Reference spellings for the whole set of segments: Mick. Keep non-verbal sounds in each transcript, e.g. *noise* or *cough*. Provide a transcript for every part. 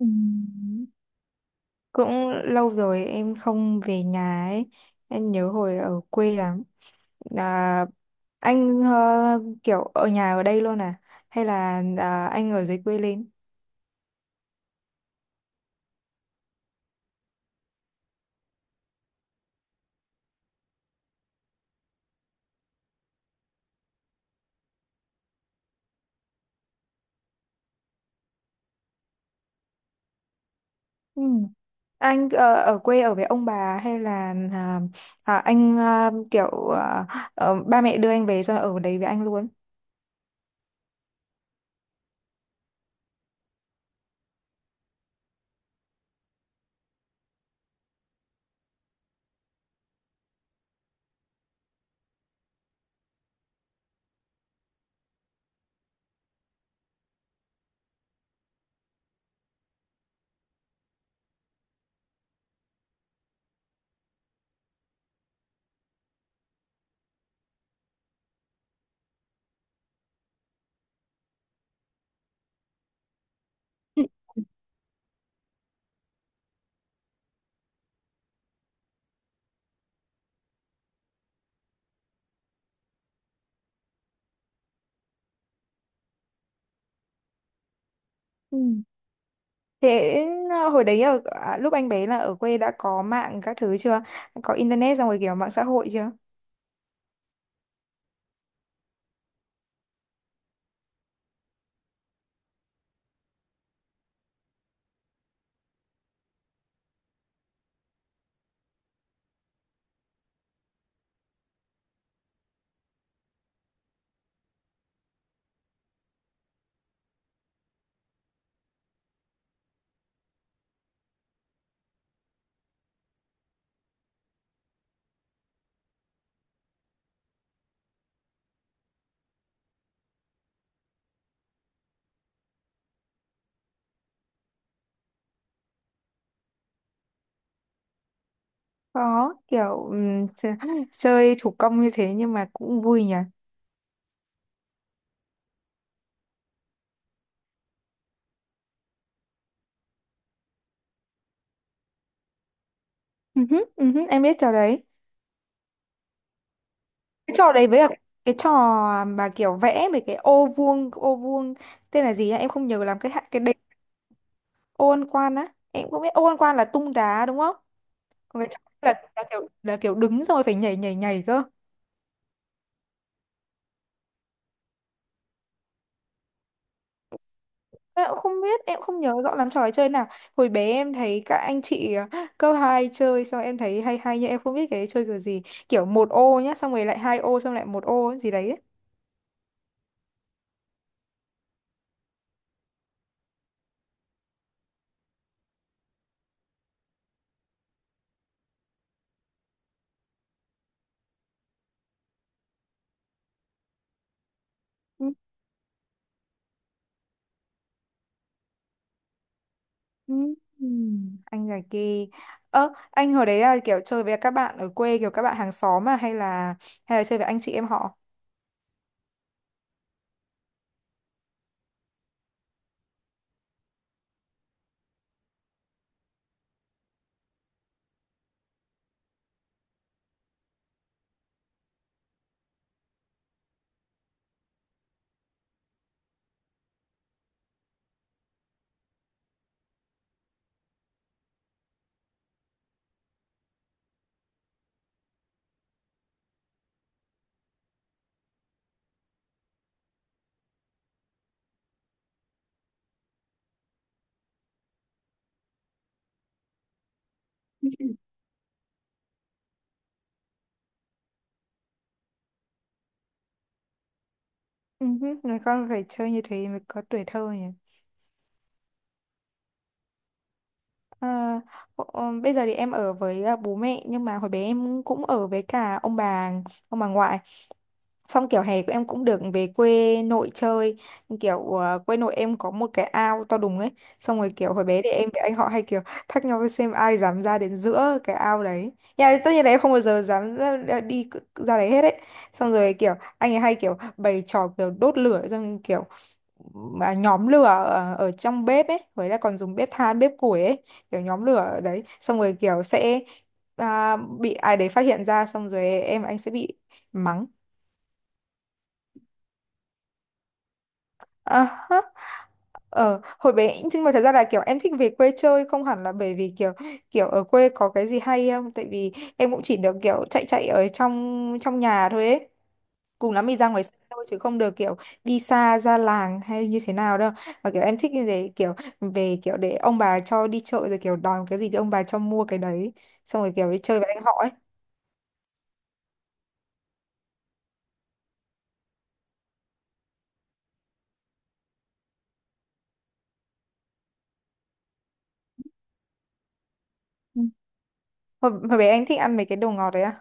Ừm, Cũng lâu rồi em không về nhà ấy. Em nhớ hồi ở quê lắm. À, anh kiểu ở nhà ở đây luôn à? Hay là anh ở dưới quê lên? Ừ. Anh ở quê ở với ông bà hay là anh kiểu ba mẹ đưa anh về rồi ở đấy với anh luôn? Ừ. Thế hồi đấy ở lúc anh bé là ở quê đã có mạng các thứ chưa? Có internet xong rồi kiểu mạng xã hội chưa? Có kiểu chơi thủ công như thế nhưng mà cũng vui nhỉ. Ừ hứ, em biết trò đấy. Cái trò đấy với cả cái trò mà kiểu vẽ mấy cái ô vuông tên là gì á? Em không nhớ làm cái cái đệm ô ăn quan á. Em cũng biết ô ăn quan là tung đá đúng không? Còn cái trò kia là kiểu là kiểu đứng rồi phải nhảy nhảy nhảy cơ. Em cũng không biết, em không nhớ rõ lắm trò chơi nào. Hồi bé em thấy các anh chị cấp 2 chơi xong em thấy hay hay nhưng em không biết cái chơi kiểu gì. Kiểu một ô nhá, xong rồi lại hai ô xong lại một ô ấy, gì đấy. Ừ, ừ, Ừ, anh giải kỳ. Ơ, anh hồi đấy là kiểu chơi với các bạn ở quê kiểu các bạn hàng xóm mà hay là chơi với anh chị em họ? Ừ, người con phải chơi như thế mới có tuổi thơ nhỉ. À, Bây giờ thì em ở với bố mẹ nhưng mà hồi bé em cũng ở với cả ông bà ngoại. Xong kiểu hè em cũng được về quê nội chơi. Nhưng kiểu quê nội em có một cái ao to đùng ấy. Xong rồi kiểu hồi bé thì em với anh họ hay kiểu thách nhau xem ai dám ra đến giữa cái ao đấy. Nhà tất nhiên là em không bao giờ dám ra đấy hết ấy. Xong rồi kiểu anh ấy hay kiểu bày trò kiểu đốt lửa. Xong kiểu mà nhóm lửa ở trong bếp ấy. Với là còn dùng bếp than, bếp củi ấy. Kiểu nhóm lửa ở đấy. Xong rồi kiểu sẽ bị ai đấy phát hiện ra. Xong rồi em và anh sẽ bị mắng. À, Hồi bé nhưng mà thật ra là kiểu em thích về quê chơi không hẳn là bởi vì kiểu kiểu ở quê có cái gì hay không tại vì em cũng chỉ được kiểu chạy chạy ở trong trong nhà thôi ấy, cùng lắm thì ra ngoài sân thôi chứ không được kiểu đi xa ra làng hay như thế nào đâu, mà kiểu em thích như thế kiểu về kiểu để ông bà cho đi chợ rồi kiểu đòi cái gì thì ông bà cho mua cái đấy, xong rồi kiểu đi chơi với anh họ ấy. Ừ. Hồi bé anh thích ăn mấy cái đồ ngọt đấy à?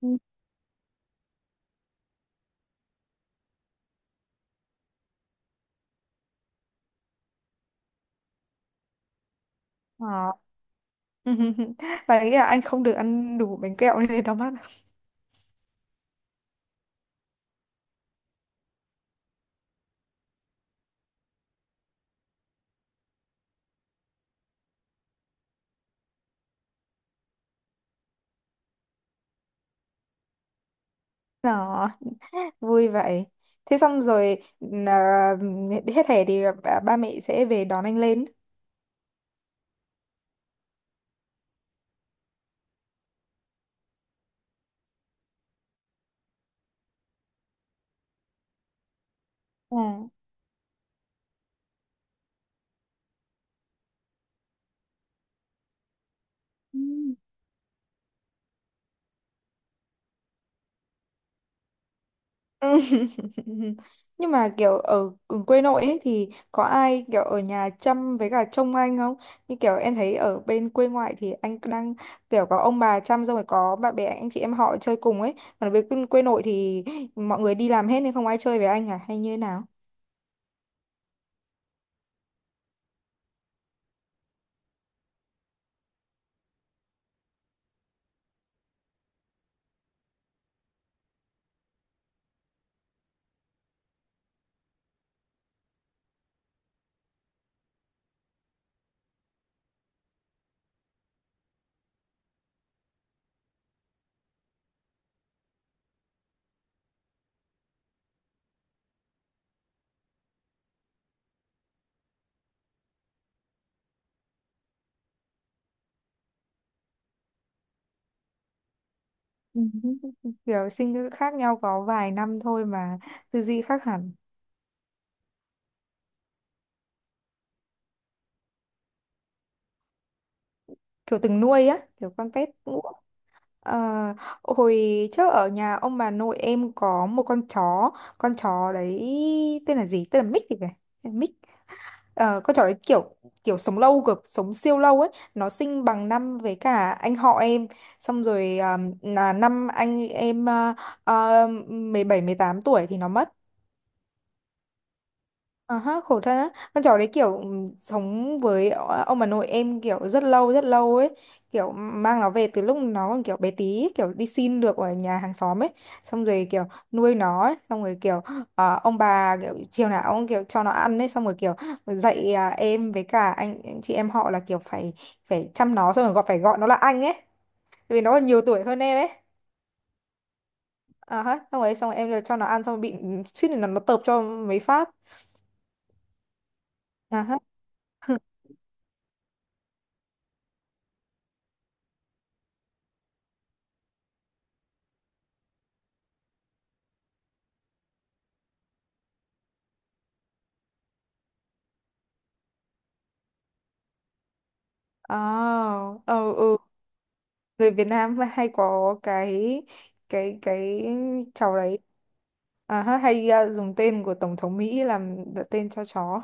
Ừ. Ờ. *laughs* Và nghĩ là anh không được ăn đủ bánh kẹo nên đau mắt. Đó vui vậy thế xong rồi à, hết hè thì ba ba mẹ sẽ về đón anh lên. À. Ừ. Ừ. *laughs* Nhưng mà kiểu ở quê nội ấy thì có ai kiểu ở nhà chăm với cả trông anh không, như kiểu em thấy ở bên quê ngoại thì anh đang kiểu có ông bà chăm xong rồi có bạn bè anh chị em họ chơi cùng ấy, còn ở bên quê quê nội thì mọi người đi làm hết nên không ai chơi với anh à hay như thế nào? Ừ, kiểu sinh khác nhau có vài năm thôi mà tư duy khác hẳn. Kiểu từng nuôi á kiểu con pet ngũ. Ờ, hồi trước ở nhà ông bà nội em có một con chó. Con chó đấy tên là gì, tên là Mick thì phải. Tên là Mick. Ờ, con chó đấy kiểu kiểu sống lâu cực, sống siêu lâu ấy. Nó sinh bằng năm với cả anh họ em. Xong rồi là năm anh em 17 18 tuổi thì nó mất. À ha, khổ thân á. Con chó đấy kiểu sống với ông bà nội em kiểu rất lâu ấy. Kiểu mang nó về từ lúc nó còn kiểu bé tí ấy, kiểu đi xin được ở nhà hàng xóm ấy. Xong rồi kiểu nuôi nó ấy. Xong rồi kiểu ông bà kiểu chiều nào ông kiểu cho nó ăn ấy. Xong rồi kiểu dạy em với cả anh chị em họ là kiểu phải phải chăm nó. Xong rồi phải gọi nó là anh ấy. Tại vì nó còn nhiều tuổi hơn em ấy. À ha, xong rồi em cho nó ăn xong rồi bị suýt nữa nó tợp cho mấy phát. À ha. *laughs* À, ờ, ừ. Người Việt Nam *laughs* hay có cái cái cháu đấy, hay dùng tên của Tổng thống Mỹ làm tên cho chó.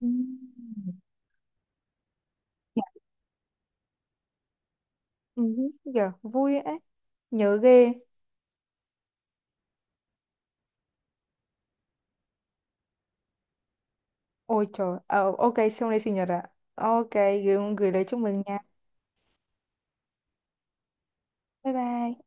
Ừm. Ừ, kìa, vui ấy, nhớ ghê. Ôi trời, ờ, ok, xong đây sinh nhật ạ. Ok, gửi lời chúc mừng nha. Bye bye.